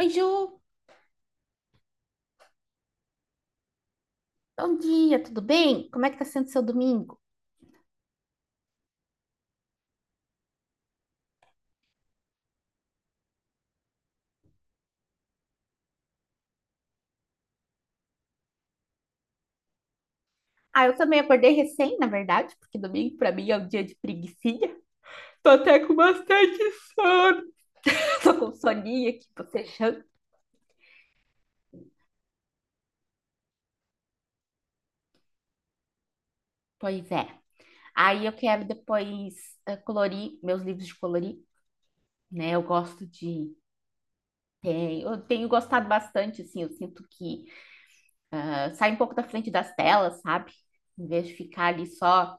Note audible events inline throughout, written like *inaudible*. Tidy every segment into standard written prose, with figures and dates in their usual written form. Oi, Ju, bom dia, tudo bem? Como é que tá sendo seu domingo? Ah, eu também acordei recém, na verdade, porque domingo pra mim é um dia de preguicinha. Tô até com bastante sono. *laughs* Tô com soninha aqui, tô fechando. Pois é. Aí eu quero depois colorir meus livros de colorir, né? Eu gosto de. Eu tenho gostado bastante, assim, eu sinto que sai um pouco da frente das telas, sabe? Em vez de ficar ali só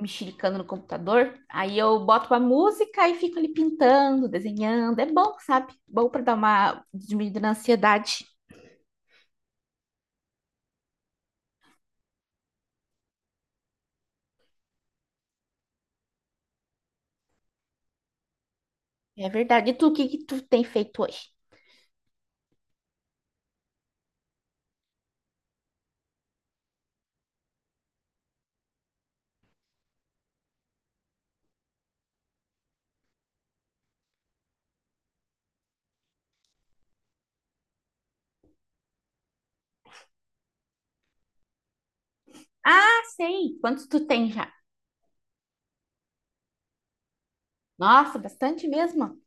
mexericando no computador, aí eu boto uma música e fico ali pintando, desenhando. É bom, sabe? Bom para dar uma diminuída na ansiedade. É verdade. E tu, o que que tu tem feito hoje? Ah, sei. Quantos tu tem já? Nossa, bastante mesmo.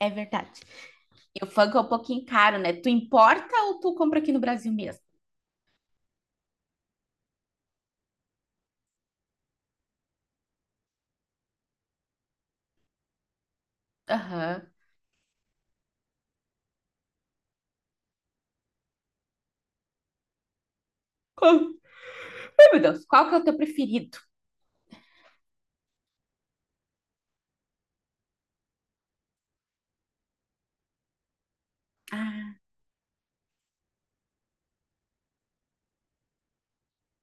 É verdade. E o funk é um pouquinho caro, né? Tu importa ou tu compra aqui no Brasil mesmo? Aham. Qual- Ai, meu Deus. Qual que é o teu preferido? Ah,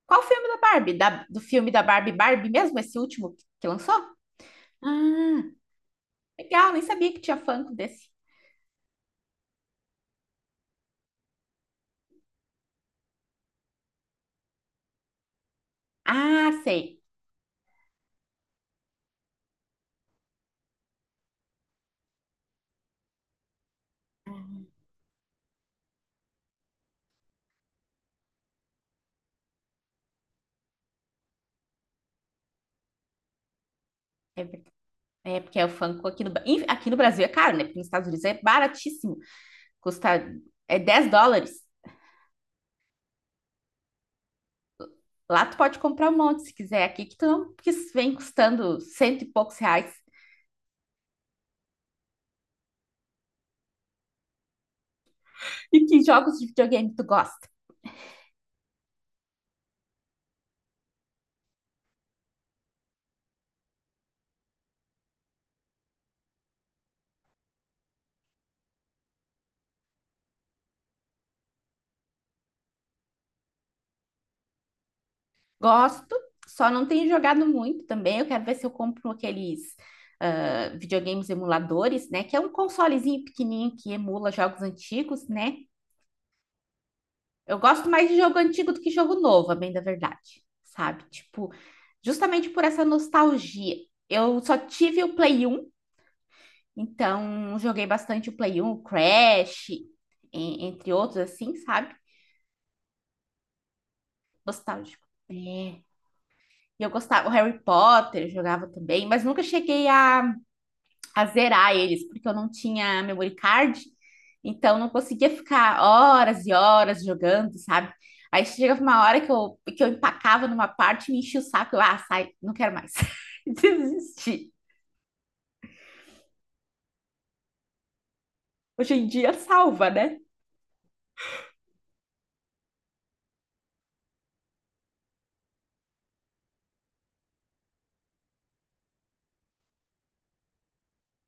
qual filme da Barbie? Do filme da Barbie Barbie mesmo? Esse último que lançou? Ah, legal, nem sabia que tinha Funko desse. Ah, sei. É, é porque é o Funko aqui no, enfim, aqui no Brasil é caro, né? Porque nos Estados Unidos é baratíssimo. Custa é 10 dólares. Lá tu pode comprar um monte se quiser. Aqui que tu não, que vem custando cento e poucos reais. *laughs* E que jogos de videogame tu gosta? Gosto, só não tenho jogado muito também. Eu quero ver se eu compro aqueles videogames emuladores, né? Que é um consolezinho pequenininho que emula jogos antigos, né? Eu gosto mais de jogo antigo do que jogo novo, a bem da verdade, sabe? Tipo, justamente por essa nostalgia. Eu só tive o Play 1, então joguei bastante o Play 1, o Crash, entre outros assim, sabe? Nostálgico. É. E eu gostava, o Harry Potter eu jogava também, mas nunca cheguei a zerar eles, porque eu não tinha memory card, então não conseguia ficar horas e horas jogando, sabe? Aí chegava uma hora que eu empacava numa parte, me enchia o saco, eu, ah, sai, não quero mais. *laughs* Desisti. Hoje em dia salva, né?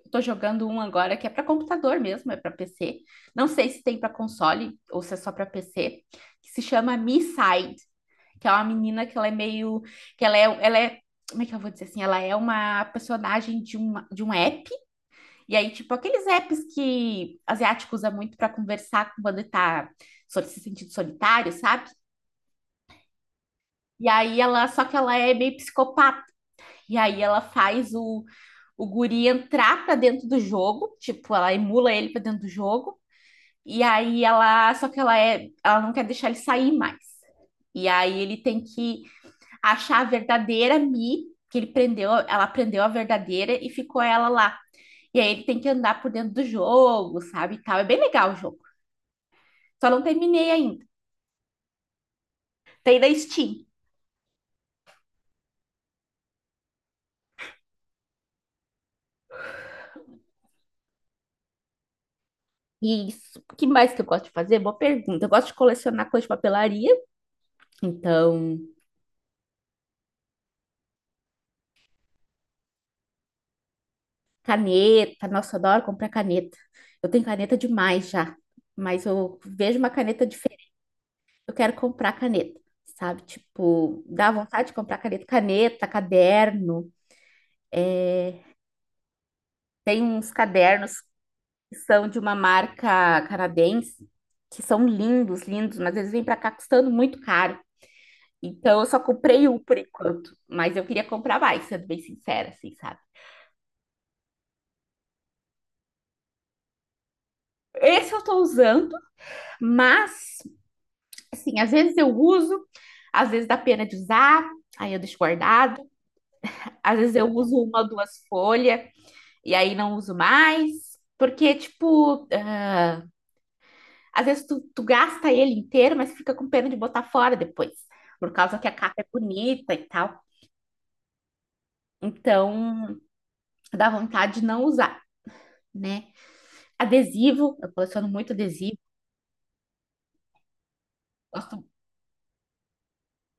Eu tô jogando um agora que é para computador mesmo, é para PC. Não sei se tem para console ou se é só para PC, que se chama Me Side, que é uma menina que ela é meio, que ela é, como é que eu vou dizer assim? Ela é uma personagem de um app. E aí, tipo, aqueles apps que asiático usa muito para conversar quando ele tá se sentindo solitário, sabe? E aí ela, só que ela é meio psicopata. E aí ela faz o guri entrar pra dentro do jogo, tipo, ela emula ele pra dentro do jogo. E aí ela, só que ela não quer deixar ele sair mais. E aí ele tem que achar a verdadeira Mi, que ele prendeu, ela prendeu a verdadeira e ficou ela lá. E aí ele tem que andar por dentro do jogo, sabe, e tal. É bem legal o jogo. Só não terminei ainda. Tem da Steam. E isso, o que mais que eu gosto de fazer? Boa pergunta. Eu gosto de colecionar coisa de papelaria. Então, caneta. Nossa, eu adoro comprar caneta. Eu tenho caneta demais já. Mas eu vejo uma caneta diferente. Eu quero comprar caneta, sabe? Tipo, dá vontade de comprar caneta. Caneta, caderno. Tem uns cadernos que são de uma marca canadense, que são lindos, lindos, mas eles vêm pra cá custando muito caro. Então eu só comprei um por enquanto, mas eu queria comprar mais, sendo bem sincera, assim, sabe? Esse eu tô usando, mas, assim, às vezes eu uso, às vezes dá pena de usar, aí eu deixo guardado. Às vezes eu uso uma ou duas folhas e aí não uso mais, porque, tipo, às vezes tu gasta ele inteiro, mas fica com pena de botar fora depois, por causa que a capa é bonita e tal. Então, dá vontade de não usar, né? Adesivo, eu coleciono muito adesivo. Gosto.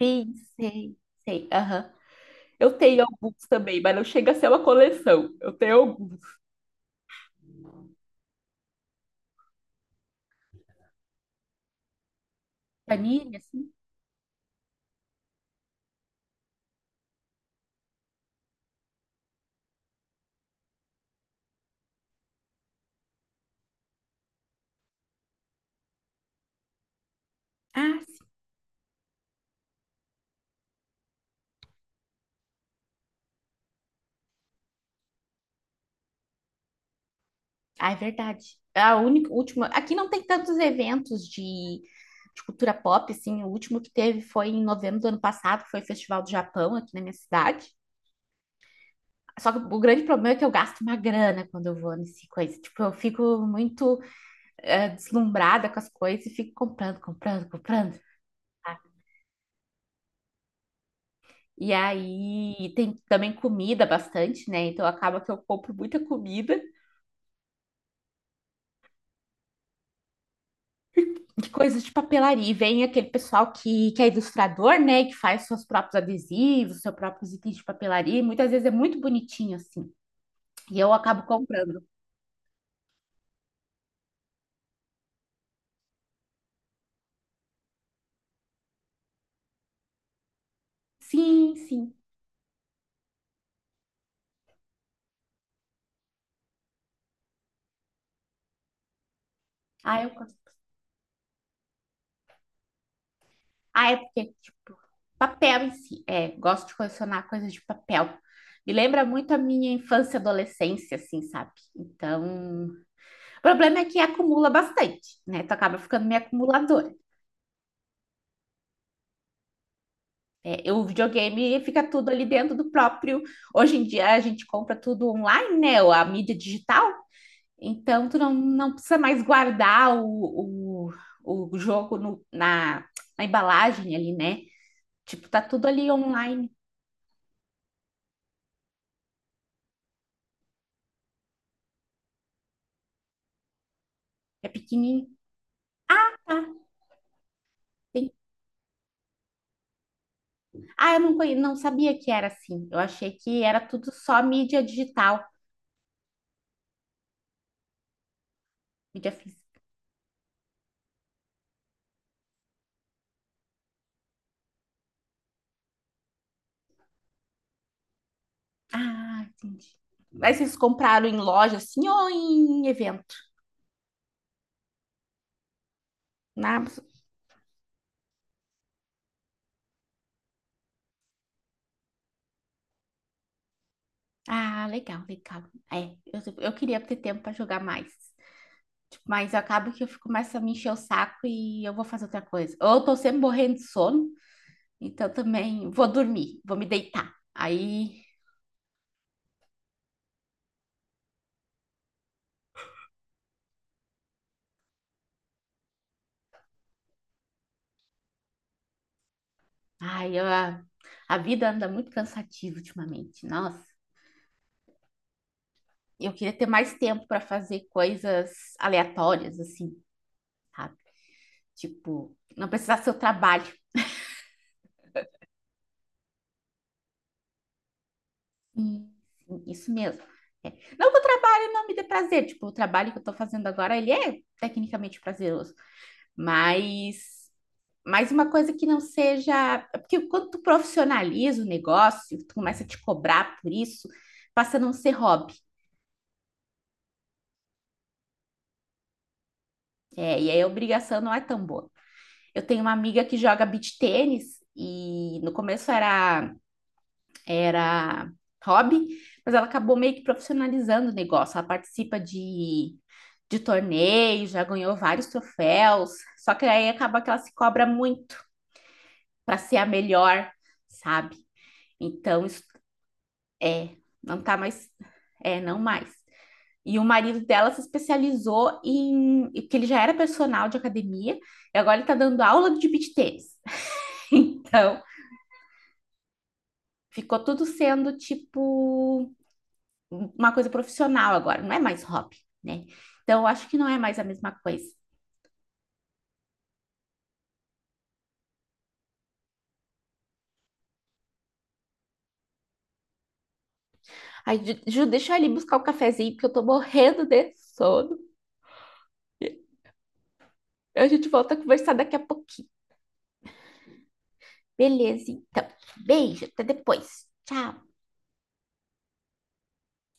Sim, sei, sei. Aham. Eu tenho alguns também, mas não chega a ser uma coleção. Eu tenho alguns. Panini, assim? Ah, sim. Ah, é verdade. A única, última. Aqui não tem tantos eventos de cultura pop, assim. O último que teve foi em novembro do ano passado, que foi o Festival do Japão aqui na minha cidade. Só que o grande problema é que eu gasto uma grana quando eu vou nesse coisa. Tipo, eu fico muito deslumbrada com as coisas e fico comprando, comprando, comprando. E aí tem também comida bastante, né? Então acaba que eu compro muita comida de coisas de papelaria. E vem aquele pessoal que é ilustrador, né? Que faz seus próprios adesivos, seus próprios itens de papelaria. E muitas vezes é muito bonitinho, assim. E eu acabo comprando. Sim, sim. Ah, eu gosto. Ah, é porque tipo, papel em si. É, gosto de colecionar coisas de papel. Me lembra muito a minha infância e adolescência, assim, sabe? Então, o problema é que acumula bastante, né? Tu acaba ficando meio acumuladora. É, o videogame fica tudo ali dentro do próprio. Hoje em dia a gente compra tudo online, né? A mídia digital. Então tu não precisa mais guardar o jogo na embalagem ali, né? Tipo, tá tudo ali online. É pequenininho. Ah, tem- eu não, não sabia que era assim. Eu achei que era tudo só mídia digital, mídia física. Ah, entendi. Mas vocês compraram em loja assim ou em evento? Na Ah, legal, legal. É, eu queria ter tempo para jogar mais. Tipo, mas eu acabo que eu fico mais a me encher o saco e eu vou fazer outra coisa. Ou eu tô sempre morrendo de sono, então também vou dormir, vou me deitar. Aí, ai, a vida anda muito cansativa ultimamente. Nossa, eu queria ter mais tempo para fazer coisas aleatórias, assim, sabe? Tipo, não precisar ser o trabalho. Sim, sim, isso mesmo. Não que o trabalho não me dê prazer, tipo, o trabalho que eu tô fazendo agora, ele é tecnicamente prazeroso, mas mas uma coisa que não seja, é porque quando tu profissionaliza o negócio, tu começa a te cobrar por isso, passa a não ser hobby. É, e aí a obrigação não é tão boa. Eu tenho uma amiga que joga beach tênis e no começo era hobby, mas ela acabou meio que profissionalizando o negócio. Ela participa de torneios, já ganhou vários troféus, só que aí acaba que ela se cobra muito para ser a melhor, sabe? Então, isso é, não tá mais, é, não mais. E o marido dela se especializou em, que ele já era personal de academia, e agora ele tá dando aula de beach tennis. *laughs* Então, ficou tudo sendo tipo uma coisa profissional agora, não é mais hobby, né? Então, eu acho que não é mais a mesma coisa. Ai, Ju, deixa eu ali buscar o cafezinho, porque eu tô morrendo de sono. A gente volta a conversar daqui a pouquinho. Beleza, então. Beijo, até depois. Tchau.